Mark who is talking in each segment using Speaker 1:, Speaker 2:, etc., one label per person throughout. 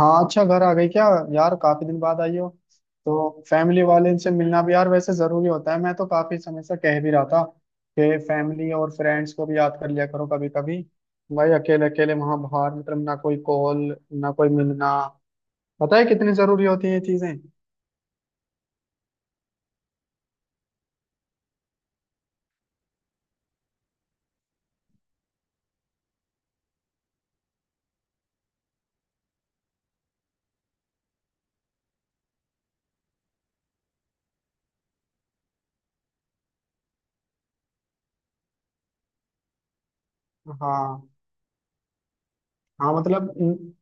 Speaker 1: हाँ, अच्छा घर आ गई क्या। यार काफी दिन बाद आई हो। तो फैमिली वाले से मिलना भी यार वैसे जरूरी होता है। मैं तो काफी समय से कह भी रहा था कि फैमिली और फ्रेंड्स को भी याद कर लिया करो कभी कभी। भाई अकेले अकेले वहां बाहर मतलब ना कोई कॉल, ना कोई मिलना। पता है कितनी जरूरी होती है ये चीजें। हाँ हाँ मतलब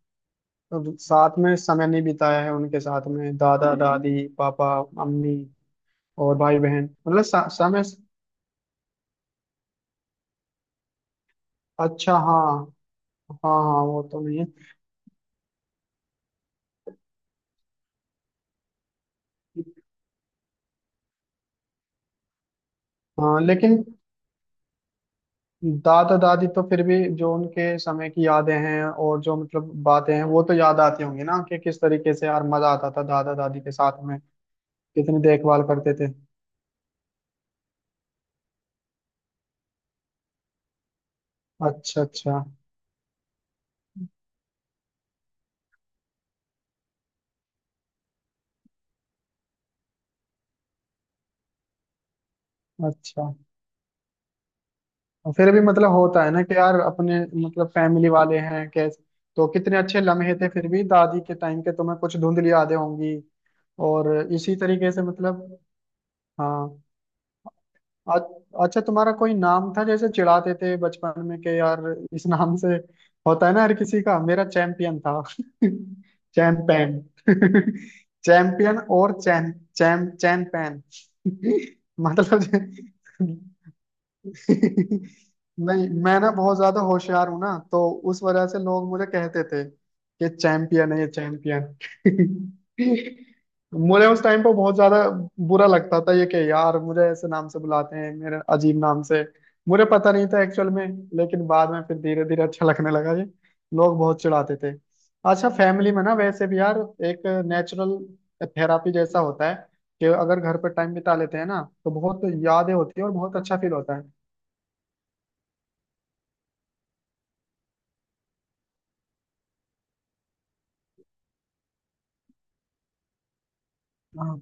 Speaker 1: अब साथ में समय नहीं बिताया है उनके साथ में, दादा दादी पापा मम्मी और भाई बहन मतलब समय। अच्छा हाँ। हाँ वो तो नहीं है। हाँ लेकिन दादा दादी तो फिर भी जो उनके समय की यादें हैं और जो मतलब बातें हैं वो तो याद आती होंगी ना कि किस तरीके से यार मजा आता था दादा दादी के साथ में। कितनी देखभाल करते थे। अच्छा। अच्छा और फिर भी मतलब होता है ना कि यार अपने मतलब फैमिली वाले हैं कैसे। तो कितने अच्छे लम्हे थे, फिर भी दादी के टाइम के तुम्हें कुछ धुंधली यादें होंगी। और इसी तरीके से मतलब। हाँ। आ- अच्छा तुम्हारा कोई नाम था जैसे चिढ़ाते थे बचपन में कि यार इस नाम से, होता है ना हर किसी का, मेरा चैंपियन था। चैंपियन। चैंपियन और चैन चैम चैन पैन। मतलब। नहीं मैं ना बहुत ज्यादा होशियार हूं ना, तो उस वजह से लोग मुझे कहते थे कि चैंपियन है ये, चैंपियन। मुझे उस टाइम पर बहुत ज्यादा बुरा लगता था ये कि यार मुझे ऐसे नाम से बुलाते हैं, मेरे अजीब नाम से। मुझे पता नहीं था एक्चुअल में, लेकिन बाद में फिर धीरे धीरे अच्छा लगने लगा ये। लोग बहुत चिढ़ाते थे। अच्छा फैमिली में ना वैसे भी यार एक नेचुरल थेरापी जैसा होता है कि अगर घर पर टाइम बिता लेते हैं ना तो बहुत यादें होती है और बहुत अच्छा फील होता है। हाँ।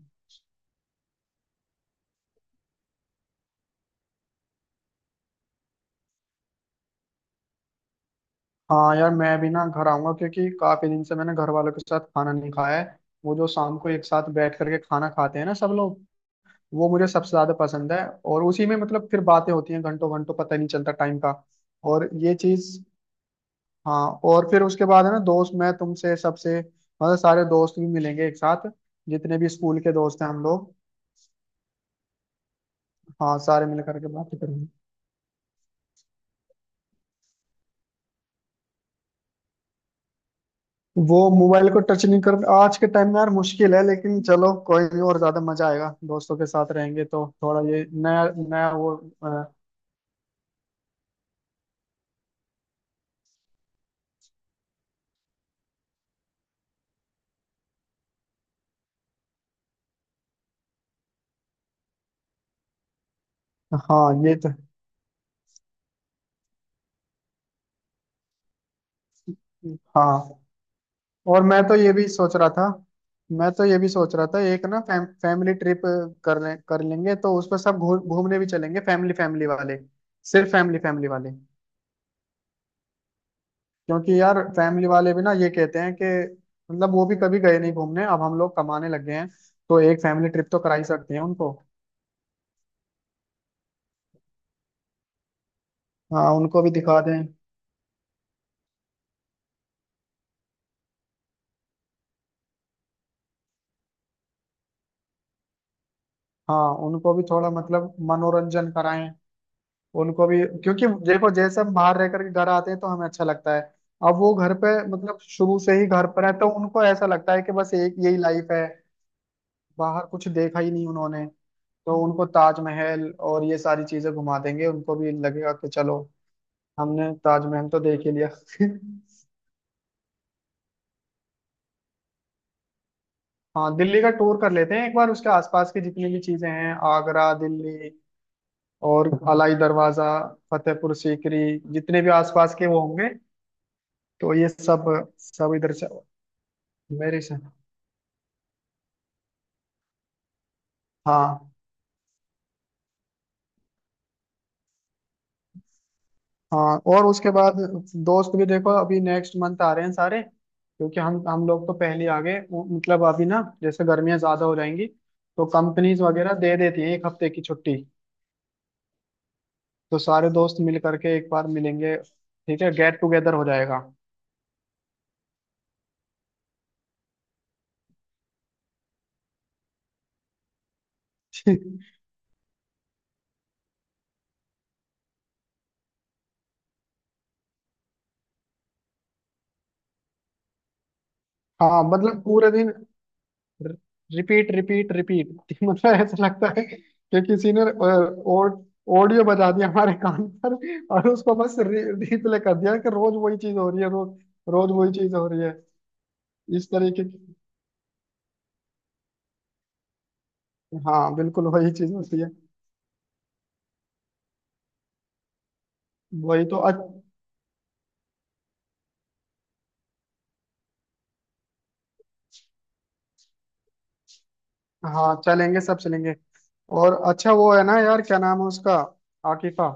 Speaker 1: हाँ यार मैं भी ना घर आऊंगा, क्योंकि काफी दिन से मैंने घर वालों के साथ खाना नहीं खाया है। वो जो शाम को एक साथ बैठ करके खाना खाते हैं ना सब लोग, वो मुझे सबसे ज्यादा पसंद है। और उसी में मतलब फिर बातें होती हैं घंटों घंटों, पता ही नहीं चलता टाइम का। और ये चीज। हाँ और फिर उसके बाद है ना दोस्त, मैं तुमसे सबसे मतलब सारे दोस्त भी मिलेंगे एक साथ, जितने भी स्कूल के दोस्त हैं हम लोग। हाँ सारे मिल करके बातें करेंगे। वो मोबाइल को टच नहीं कर आज के टाइम में यार मुश्किल है, लेकिन चलो कोई नहीं, और ज्यादा मजा आएगा दोस्तों के साथ रहेंगे तो थोड़ा ये नया नया वो। अ, हाँ ये हाँ। और मैं तो ये भी सोच रहा था, मैं तो ये भी सोच रहा था एक ना फैमिली ट्रिप कर लेंगे तो उस पर सब घूमने भी चलेंगे, फैमिली फैमिली वाले, सिर्फ फैमिली फैमिली वाले। क्योंकि यार फैमिली वाले भी ना ये कहते हैं कि मतलब वो भी कभी गए नहीं घूमने। अब हम लोग कमाने लग गए हैं, तो एक फैमिली ट्रिप तो करा ही सकते हैं उनको। हाँ उनको भी दिखा दें। हाँ उनको भी थोड़ा मतलब मनोरंजन कराएं, उनको भी। क्योंकि देखो जैसे हम बाहर रह करके घर आते हैं तो हमें अच्छा लगता है। अब वो घर पे मतलब शुरू से ही घर पर है, तो उनको ऐसा लगता है कि बस एक यही लाइफ है। बाहर कुछ देखा ही नहीं उन्होंने। तो उनको ताजमहल और ये सारी चीजें घुमा देंगे, उनको भी लगेगा कि चलो हमने ताजमहल तो देख ही लिया। हाँ दिल्ली का टूर कर लेते हैं एक बार, उसके आसपास की जितनी भी चीजें हैं आगरा दिल्ली और अलाई दरवाजा, फतेहपुर सीकरी, जितने भी आसपास के वो होंगे, तो ये सब सब इधर से मेरे से। हाँ। हाँ और उसके बाद दोस्त भी देखो अभी नेक्स्ट मंथ आ रहे हैं सारे, क्योंकि हम लोग तो पहले आ गए मतलब अभी ना जैसे गर्मियां ज्यादा हो जाएंगी तो कंपनीज वगैरह दे देती हैं एक हफ्ते की छुट्टी, तो सारे दोस्त मिल करके एक बार मिलेंगे, ठीक है गेट टुगेदर हो जाएगा। हाँ मतलब पूरे दिन रिपीट रिपीट रिपीट। मतलब ऐसा लगता है कि किसी ने ऑडियो बजा दिया हमारे कान पर और उसको बस रिप्ले कर दिया, कि रोज वही चीज हो रही है, रोज रोज वही चीज हो रही है। इस तरीके की। हाँ बिल्कुल वही चीज होती है। वही तो अच्छा। हाँ चलेंगे सब चलेंगे। और अच्छा वो है ना यार, क्या नाम है उसका, आकिफा।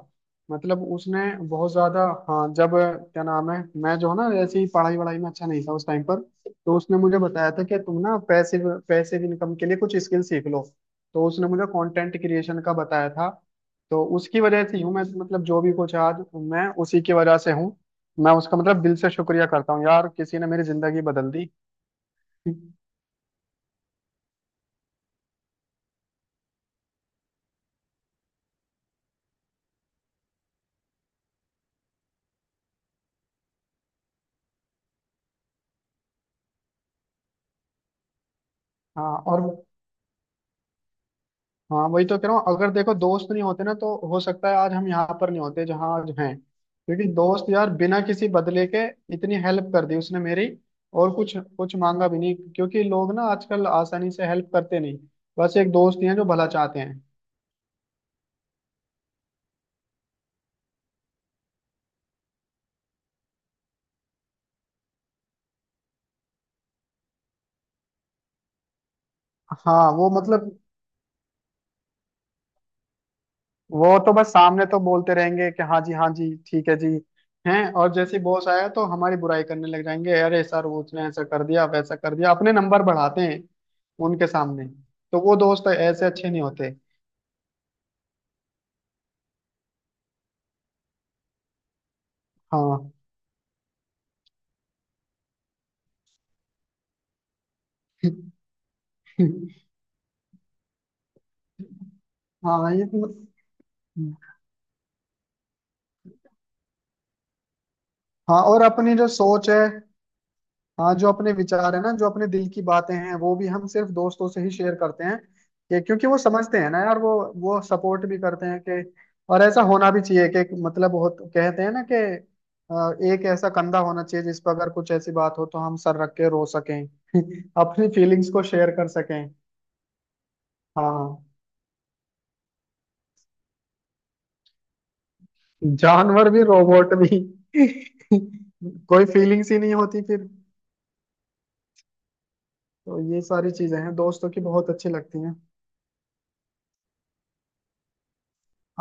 Speaker 1: मतलब उसने बहुत ज्यादा, हाँ जब, क्या नाम है, मैं जो है ना ऐसे ही पढ़ाई वढ़ाई में अच्छा नहीं था उस टाइम पर, तो उसने मुझे बताया था कि तुम ना पैसिव पैसिव इनकम के लिए कुछ स्किल सीख लो। तो उसने मुझे कंटेंट क्रिएशन का बताया था। तो उसकी वजह से ही हूँ मैं, मतलब जो भी कुछ आज मैं, उसी की वजह से हूँ। मैं उसका मतलब दिल से शुक्रिया करता हूँ यार, किसी ने मेरी जिंदगी बदल दी। हाँ और हाँ वही तो कह रहा हूँ, अगर देखो दोस्त नहीं होते ना तो हो सकता है आज हम यहाँ पर नहीं होते जहाँ आज हैं। क्योंकि दोस्त यार बिना किसी बदले के इतनी हेल्प कर दी उसने मेरी। और कुछ कुछ मांगा भी नहीं, क्योंकि लोग ना आजकल आसानी से हेल्प करते नहीं, बस एक दोस्त ही हैं जो भला चाहते हैं। हाँ वो मतलब वो तो बस सामने तो बोलते रहेंगे कि हाँ जी हाँ जी ठीक है जी हैं, और जैसे बॉस आया तो हमारी बुराई करने लग जाएंगे, अरे सर वो उसने ऐसा कर दिया वैसा कर दिया, अपने नंबर बढ़ाते हैं उनके सामने। तो वो दोस्त ऐसे अच्छे नहीं होते। हाँ। हाँ ये हाँ और अपनी जो सोच है, हाँ जो अपने विचार है ना, जो अपने दिल की बातें हैं वो भी हम सिर्फ दोस्तों से ही शेयर करते हैं। क्योंकि वो समझते हैं ना यार, वो सपोर्ट भी करते हैं कि। और ऐसा होना भी चाहिए कि मतलब बहुत कहते हैं ना कि अ, एक ऐसा कंधा होना चाहिए जिस पर अगर कुछ ऐसी बात हो तो हम सर रख के रो सकें। अपनी फीलिंग्स को शेयर कर सकें। हाँ जानवर भी रोबोट भी। कोई फीलिंग्स ही नहीं होती फिर। तो ये सारी चीजें हैं दोस्तों की, बहुत अच्छी लगती हैं।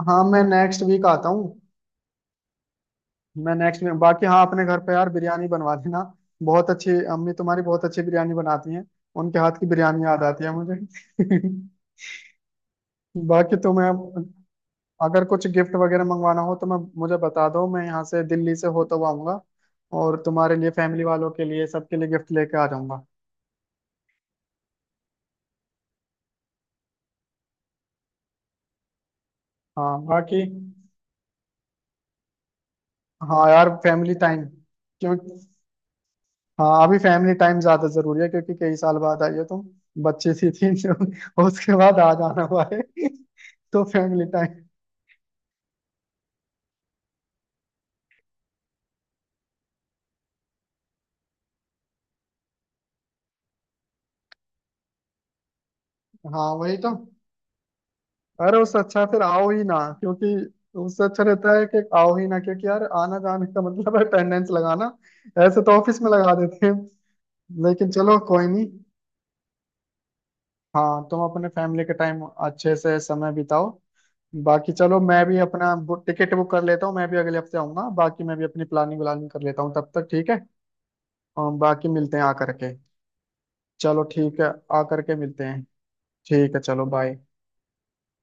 Speaker 1: हाँ मैं नेक्स्ट वीक आता हूँ। मैं नेक्स्ट में बाकी, हाँ अपने घर पे यार बिरयानी बनवा देना, बहुत अच्छी अम्मी तुम्हारी बहुत अच्छी बिरयानी बनाती हैं, उनके हाथ की बिरयानी याद आती है मुझे। बाकी तो मैं अगर कुछ गिफ्ट वगैरह मंगवाना हो तो मैं मुझे बता दो, मैं यहाँ से दिल्ली से होता हुआ आऊंगा और तुम्हारे लिए फैमिली वालों के लिए सबके लिए गिफ्ट लेके आ जाऊंगा। हाँ बाकी। हाँ यार फैमिली टाइम, क्यों। हाँ अभी फैमिली टाइम ज्यादा जरूरी है, क्योंकि कई साल बाद आई हो तुम, बच्चे सी थी जो, उसके बाद आ जाना हुआ है। तो फैमिली टाइम। हाँ वही तो। अरे उससे अच्छा फिर आओ ही ना, क्योंकि उससे अच्छा रहता है कि आओ ही ना, क्योंकि यार आना जाने का मतलब है अटेंडेंस लगाना, ऐसे तो ऑफिस में लगा देते हैं। लेकिन चलो कोई नहीं। हाँ तुम अपने फैमिली के टाइम अच्छे से समय बिताओ। बाकी चलो मैं भी अपना टिकट बुक कर लेता हूँ, मैं भी अगले हफ्ते आऊंगा, बाकी मैं भी अपनी प्लानिंग व्लानिंग कर लेता हूँ तब तक, ठीक है। और बाकी मिलते हैं आकर के। चलो ठीक है, आकर के मिलते हैं। ठीक है चलो, बाय।